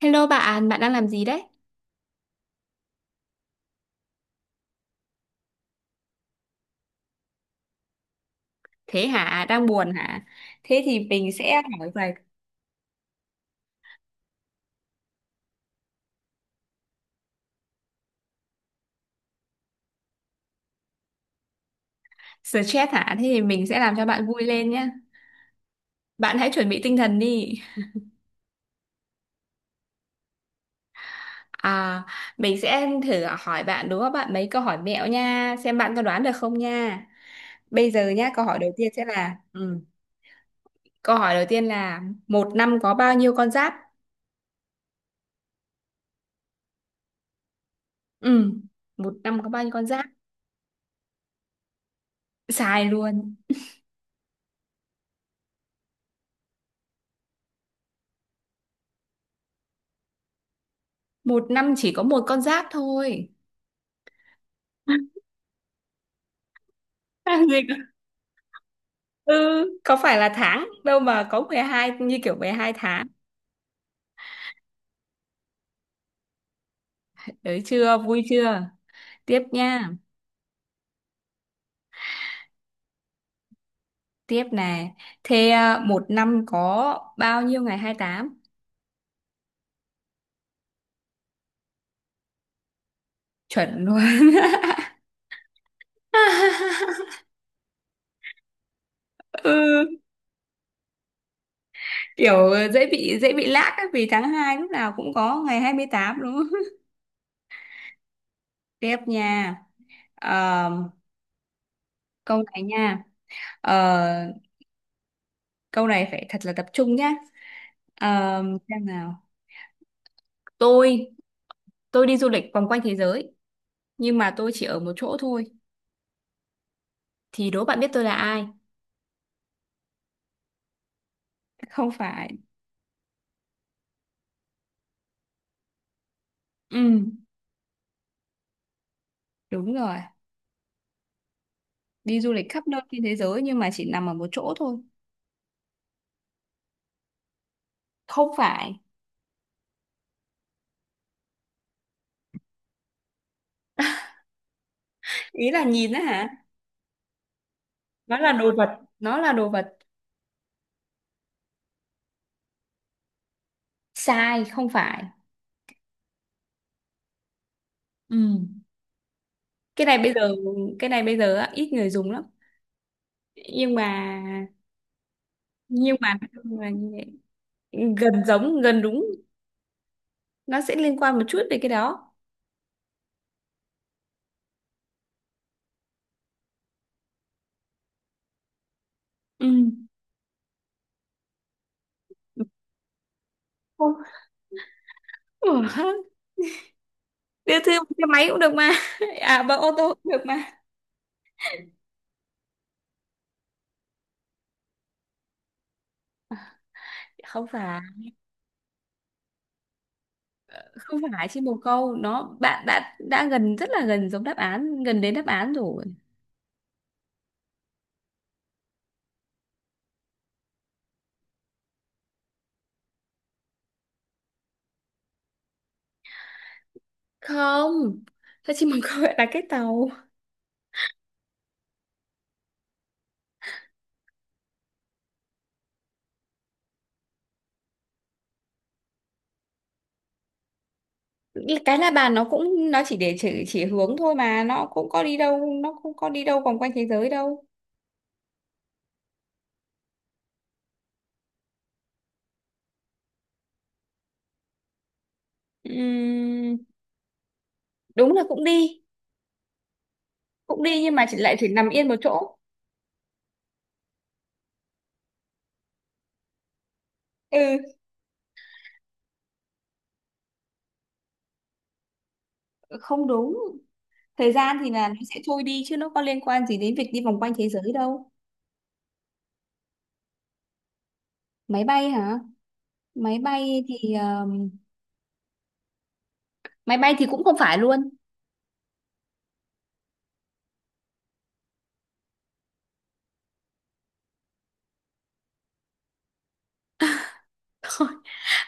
Hello bạn, bạn đang làm gì đấy? Thế hả? Đang buồn hả? Thế thì mình sẽ hỏi vài stress hả? Thế thì mình sẽ làm cho bạn vui lên nhé. Bạn hãy chuẩn bị tinh thần đi. À, mình sẽ thử hỏi bạn đúng không bạn mấy câu hỏi mẹo nha, xem bạn có đoán được không nha. Bây giờ nhá, câu hỏi đầu tiên sẽ là Câu hỏi đầu tiên là một năm có bao nhiêu con giáp? Ừ. Một năm có bao nhiêu con giáp? Sai luôn. Một năm chỉ có một con giáp thôi. Gì? Ừ, có phải là tháng đâu mà có 12 như kiểu 12 tháng. Đấy chưa, vui chưa? Tiếp nha, tiếp nè. Thế à, một năm có bao nhiêu ngày 28? Chuẩn luôn. Ừ, kiểu dễ bị lag á, vì tháng 2 lúc nào cũng có ngày 28 đúng không? Tiếp nha. Ờ, câu này nha. Ờ, câu này phải thật là tập trung nhá. Ờ, xem nào. Tôi tôi đi du lịch vòng quanh thế giới nhưng mà tôi chỉ ở một chỗ thôi, thì đố bạn biết tôi là ai? Không phải. Ừ, đúng rồi. Đi du lịch khắp nơi trên thế giới nhưng mà chỉ nằm ở một chỗ thôi. Không phải. Ý là nhìn đó hả? Nó là đồ vật. Nó là đồ vật. Sai, không phải. Ừ. cái này bây giờ cái này bây giờ á, ít người dùng lắm, nhưng mà nhưng mà như vậy. Gần giống, gần đúng. Nó sẽ liên quan một chút về cái đó. Ừ. Không. Ủa, đưa thư bằng xe máy cũng được mà, à bằng ô tô cũng được mà. Không phải. Không phải chim bồ câu, nó bạn đã gần rất là gần giống đáp án, gần đến đáp án rồi. Không, sao chim bồ câu lại là cái tàu? Cái la bàn nó cũng, nó chỉ để chỉ hướng thôi mà, nó cũng có đi đâu, nó cũng có đi đâu vòng quanh thế giới đâu. Ừm, đúng là cũng đi. Cũng đi nhưng mà chỉ lại chỉ nằm yên một chỗ. Ừ, không đúng. Thời gian thì là nó sẽ trôi đi chứ nó có liên quan gì đến việc đi vòng quanh thế giới đâu. Máy bay hả? Máy bay thì máy bay thì cũng không phải luôn.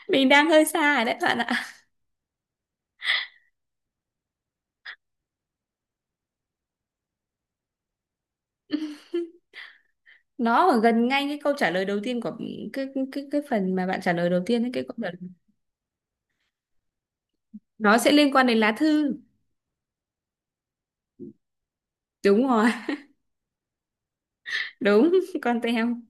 Mình đang hơi xa rồi đấy bạn ạ. Nó ở gần ngay cái câu trả lời đầu tiên của cái phần mà bạn trả lời đầu tiên ấy, cái câu trả lời nó sẽ liên quan đến lá thư. Đúng rồi. Đúng. Con teo.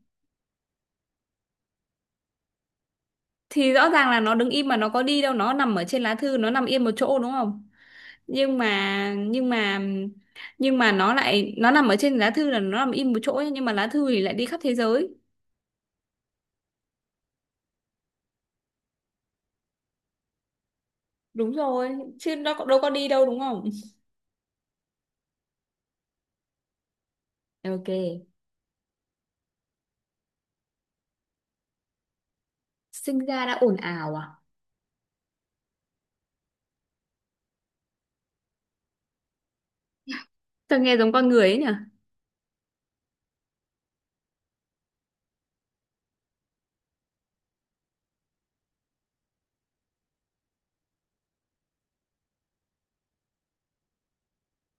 Thì rõ ràng là nó đứng im mà, nó có đi đâu, nó nằm ở trên lá thư, nó nằm yên một chỗ đúng không, nhưng mà nhưng mà nhưng mà nó lại, nó nằm ở trên lá thư là nó nằm im một chỗ ấy, nhưng mà lá thư thì lại đi khắp thế giới. Đúng rồi, chứ nó có- đâu có đi đâu đúng không. Ok. Sinh ra đã ồn ào à? Sao nghe giống con người ấy nhỉ.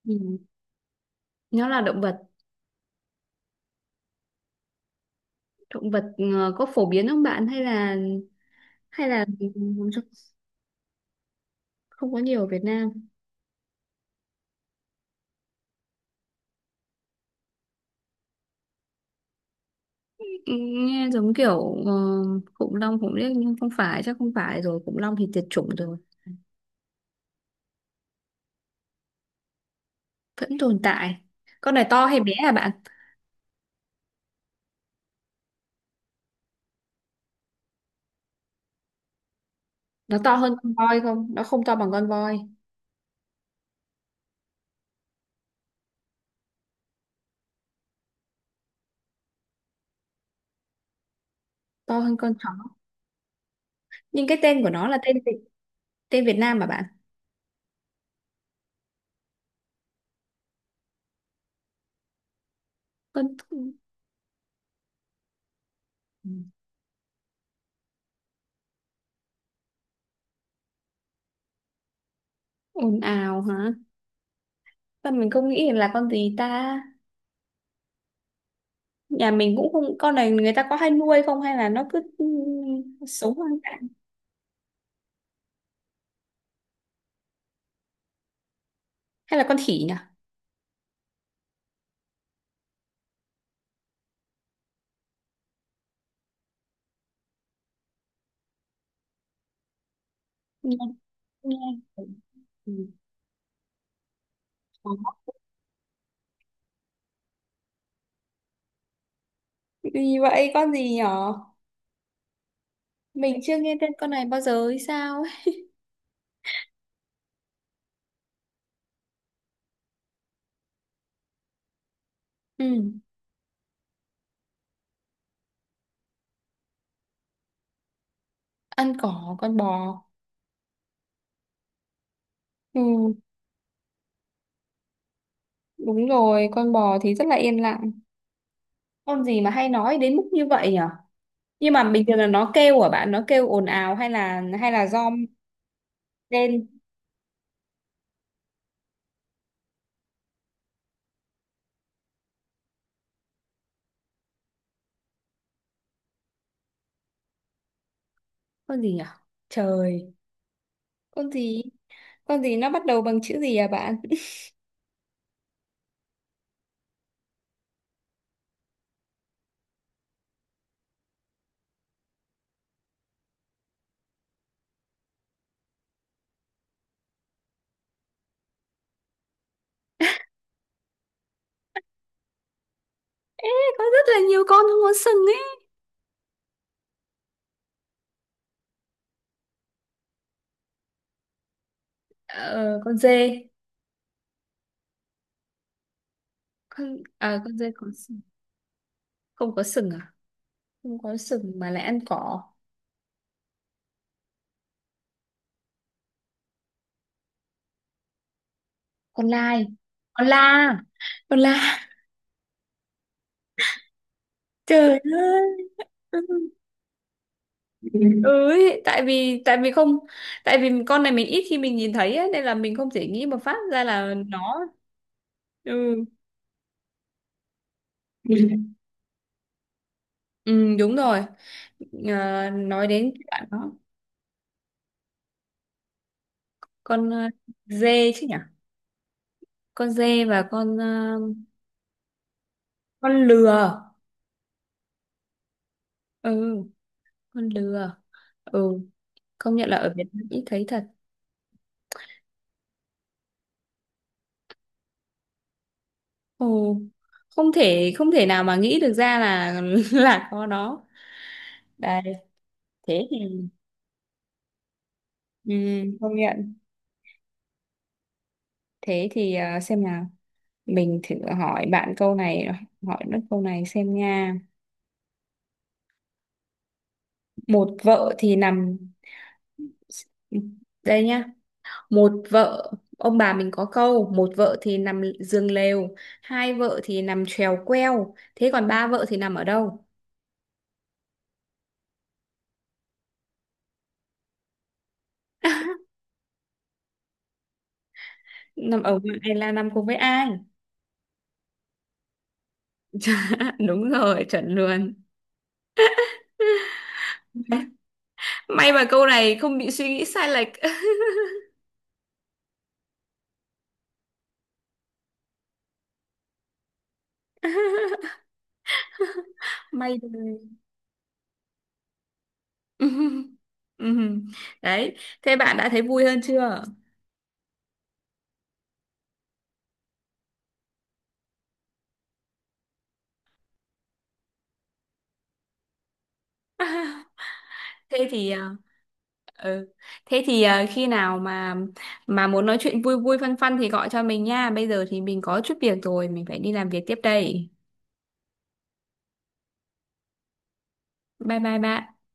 Ừ. Nó là động vật. Động vật có phổ biến không bạn, hay là không có nhiều ở Việt Nam. Nghe giống kiểu khủng long khủng liếc nhưng không phải, chắc không phải rồi, khủng long thì tuyệt chủng rồi. Vẫn tồn tại. Con này to hay bé à bạn? Nó to hơn con voi không, nó không to bằng con voi. To hơn con chó. Nhưng cái tên của nó là tên Việt Nam mà bạn. Con ồn ào hả? Sao mình không nghĩ là con gì ta. Nhà mình cũng không, con này người ta có hay nuôi không, hay là nó cứ sống hoang dã. Hay là con khỉ nhỉ? Nghe nghe ừ, khó. Gì vậy, con gì nhỏ? Mình chưa nghe tên con này bao giờ hay sao ấy. Ừ, ăn cỏ, con bò. Ừ đúng rồi, con bò thì rất là yên lặng. Con gì mà hay nói đến mức như vậy nhở? Nhưng mà bình thường là nó kêu à bạn, nó kêu ồn ào, hay là do lên. Con gì nhở? Trời, con gì? Con gì nó bắt đầu bằng chữ gì à bạn? Có rất là nhiều con không có sừng ấy. Ờ, con dê. Con, à con dê có sừng. Không có sừng à? Không có sừng mà lại ăn cỏ. Con lai, con la. Con la. Trời ơi. Ừ ấy, tại vì không, tại vì con này mình ít khi mình nhìn thấy ấy, nên là mình không thể nghĩ một phát ra là nó. Ừ. Ừ đúng rồi. Ờ, nói đến bạn đó. Con dê chứ nhỉ? Con dê và con con lừa. Ừ, con lừa. Ừ, công nhận là ở Việt Nam ít thấy thật. Ồ, không thể, không thể nào mà nghĩ được ra là là có nó. Đây, thế thì, ừ, công nhận. Thế thì à, xem nào. Mình thử hỏi bạn câu này, hỏi nó câu này xem nha. Một vợ thì nằm, đây nhá, một vợ, ông bà mình có câu một vợ thì nằm giường lều, hai vợ thì nằm chèo queo, thế còn ba vợ thì nằm ở đâu? Nằm ở ngoài là nằm cùng với ai? Đúng rồi, chuẩn luôn. May mà câu này không bị suy nghĩ sai lệch. May đời. Ừm. Đấy, thế bạn đã thấy vui hơn chưa? Thế thì à, ừ, thế thì à, khi nào mà muốn nói chuyện vui vui phân phân thì gọi cho mình nha, bây giờ thì mình có chút việc rồi, mình phải đi làm việc tiếp đây. Bye bye bạn.